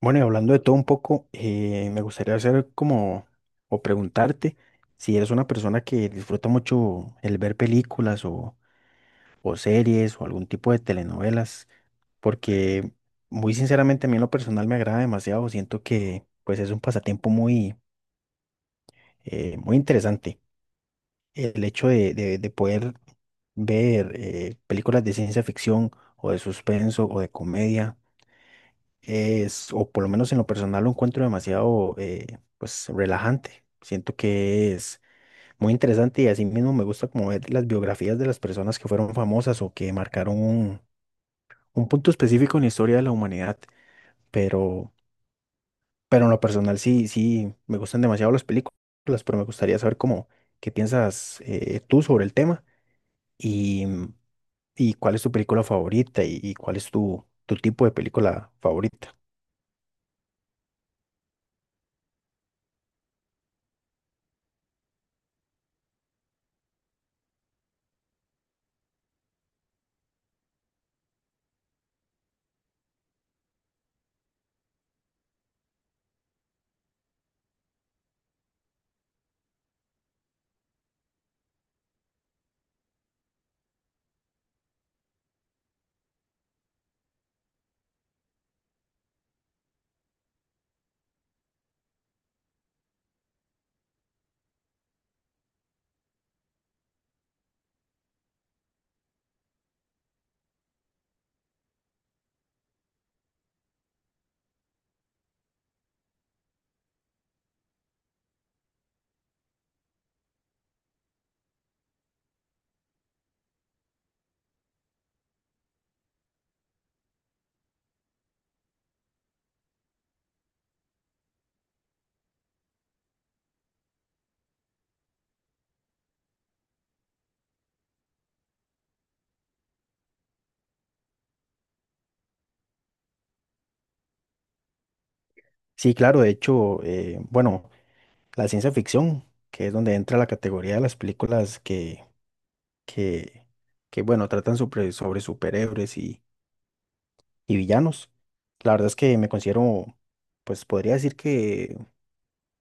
Bueno, y hablando de todo un poco, me gustaría hacer como, o preguntarte si eres una persona que disfruta mucho el ver películas o series o algún tipo de telenovelas, porque muy sinceramente a mí en lo personal me agrada demasiado, siento que pues es un pasatiempo muy interesante. El hecho de poder ver películas de ciencia ficción o de suspenso o de comedia es, o por lo menos en lo personal lo encuentro pues, relajante. Siento que es muy interesante y así mismo me gusta como ver las biografías de las personas que fueron famosas o que marcaron un punto específico en la historia de la humanidad. Pero, pero en lo personal sí, sí, me gustan demasiado las películas, pero me gustaría saber cómo, qué piensas tú sobre el tema y, y cuál es tu película favorita y cuál es tu, tu tipo de película favorita. Sí, claro, de hecho, La ciencia ficción, que es donde entra la categoría de las películas que, que, que bueno, tratan sobre, sobre superhéroes y villanos. La verdad es que me considero, pues podría decir que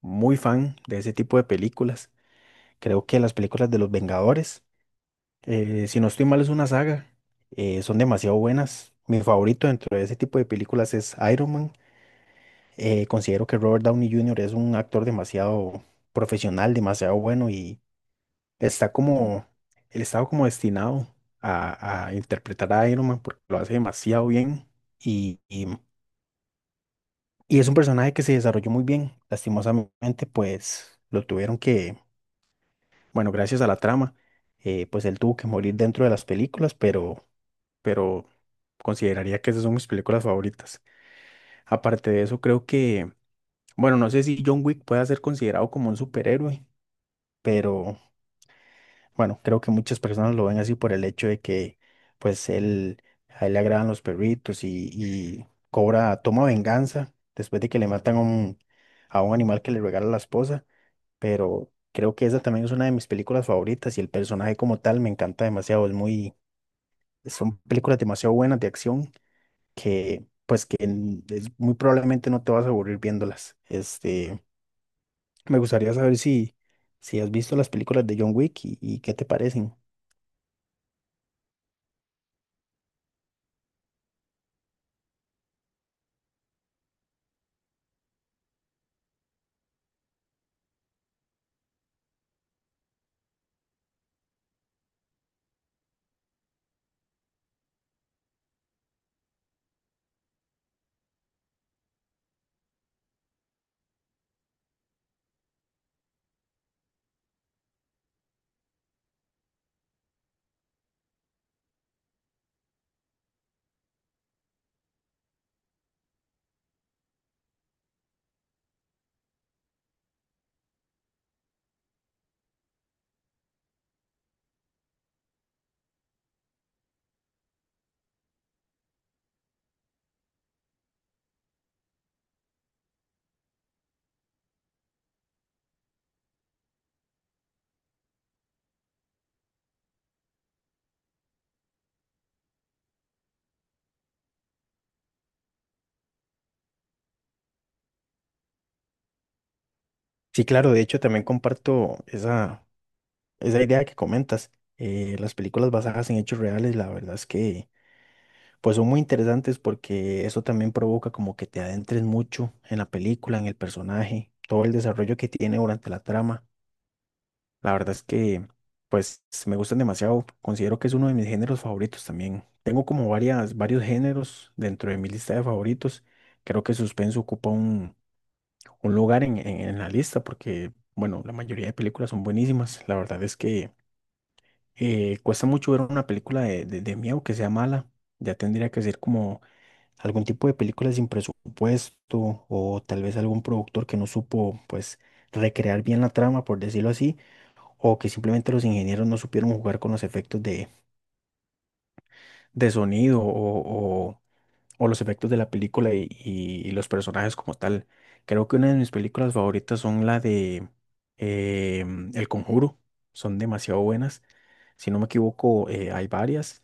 muy fan de ese tipo de películas. Creo que las películas de los Vengadores, si no estoy mal, es una saga, son demasiado buenas. Mi favorito dentro de ese tipo de películas es Iron Man. Considero que Robert Downey Jr. es un actor demasiado profesional, demasiado bueno y está como, él estaba como destinado a interpretar a Iron Man porque lo hace demasiado bien y, y, y es un personaje que se desarrolló muy bien. Lastimosamente, pues lo tuvieron que, bueno, gracias a la trama, pues él tuvo que morir dentro de las películas, pero consideraría que esas son mis películas favoritas. Aparte de eso, creo que, bueno, no sé si John Wick pueda ser considerado como un superhéroe, pero... Bueno, creo que muchas personas lo ven así por el hecho de que, pues, él, a él le agradan los perritos y cobra, toma venganza después de que le matan a un animal que le regala la esposa. Pero creo que esa también es una de mis películas favoritas y el personaje como tal me encanta demasiado. Es muy, son películas demasiado buenas de acción que, pues, muy probablemente no te vas a aburrir viéndolas. Este, me gustaría saber si, si has visto las películas de John Wick y qué te parecen. Sí, claro, de hecho también comparto esa, esa idea que comentas. Las películas basadas en hechos reales, la verdad es que pues son muy interesantes porque eso también provoca como que te adentres mucho en la película, en el personaje, todo el desarrollo que tiene durante la trama. La verdad es que pues me gustan demasiado, considero que es uno de mis géneros favoritos también. Tengo como varias, varios géneros dentro de mi lista de favoritos. Creo que suspenso ocupa un lugar en, en la lista porque, bueno, la mayoría de películas son buenísimas. La verdad es que cuesta mucho ver una película de miedo que sea mala. Ya tendría que ser como algún tipo de película sin presupuesto o tal vez algún productor que no supo, pues, recrear bien la trama, por decirlo así, o que simplemente los ingenieros no supieron jugar con los efectos de sonido o los efectos de la película y, y los personajes como tal. Creo que una de mis películas favoritas son la de eh, El Conjuro. Son demasiado buenas. Si no me equivoco, hay varias,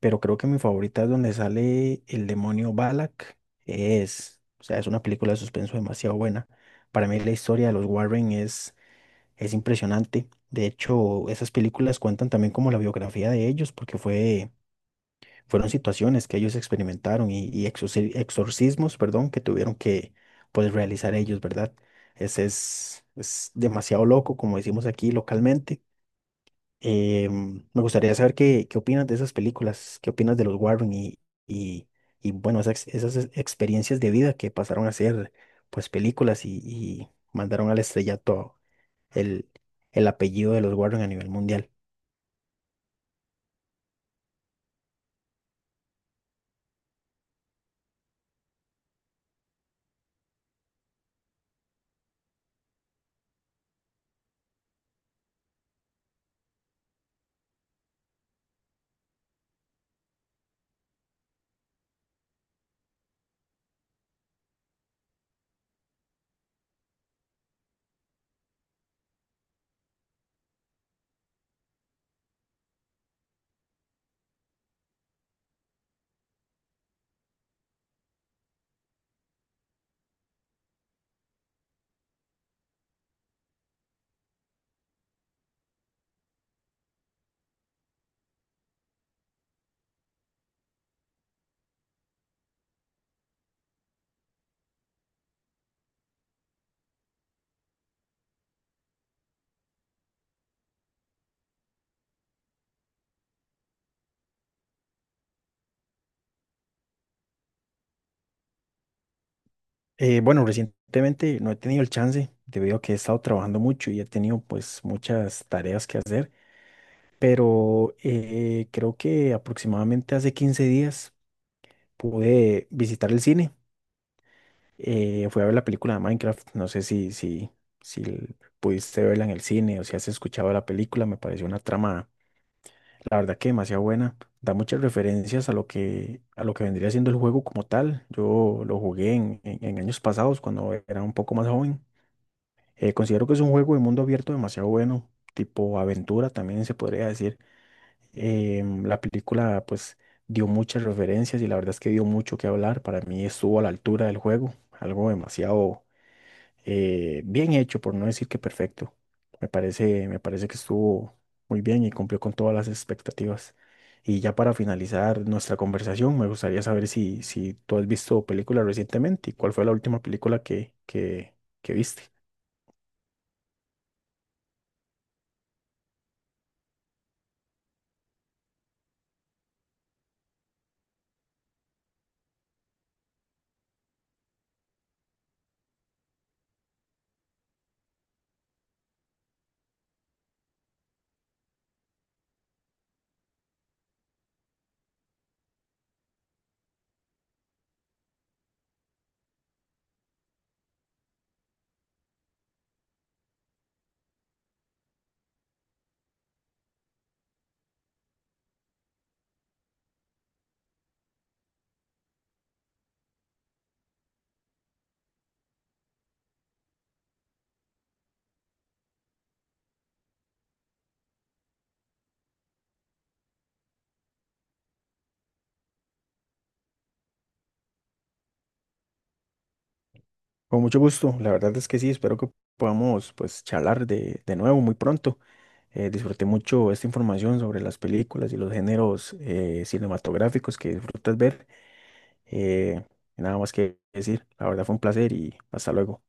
pero creo que mi favorita es donde sale el demonio Balak. Es, o sea, es una película de suspenso demasiado buena. Para mí la historia de los Warren es impresionante. De hecho, esas películas cuentan también como la biografía de ellos, porque fueron situaciones que ellos experimentaron y exorcismos, perdón, que tuvieron que pues, realizar ellos, ¿verdad? Ese es demasiado loco, como decimos aquí localmente. Me gustaría saber qué, qué opinas de esas películas, qué opinas de los Warren y, y, bueno, esas, esas experiencias de vida que pasaron a ser pues películas y mandaron al estrellato el, el apellido de los Warren a nivel mundial. Bueno, recientemente no he tenido el chance debido a que he estado trabajando mucho y he tenido pues muchas tareas que hacer, pero creo que aproximadamente hace 15 días pude visitar el cine. Fui a ver la película de Minecraft, no sé si, si, pudiste verla en el cine o si has escuchado la película, me pareció una trama, la verdad que demasiado buena. Da muchas referencias a lo que vendría siendo el juego como tal. Yo lo jugué en en años pasados cuando era un poco más joven. Considero que es un juego de mundo abierto demasiado bueno, tipo aventura también se podría decir. La película pues dio muchas referencias y la verdad es que dio mucho que hablar. Para mí estuvo a la altura del juego, algo demasiado bien hecho, por no decir que perfecto. Me parece que estuvo muy bien y cumplió con todas las expectativas. Y ya para finalizar nuestra conversación, me gustaría saber si, si tú has visto películas recientemente y cuál fue la última película que viste. Con mucho gusto, la verdad es que sí, espero que podamos pues charlar de nuevo muy pronto. Disfruté mucho esta información sobre las películas y los géneros cinematográficos que disfrutas ver. Eh, nada más que decir, la verdad fue un placer y hasta luego.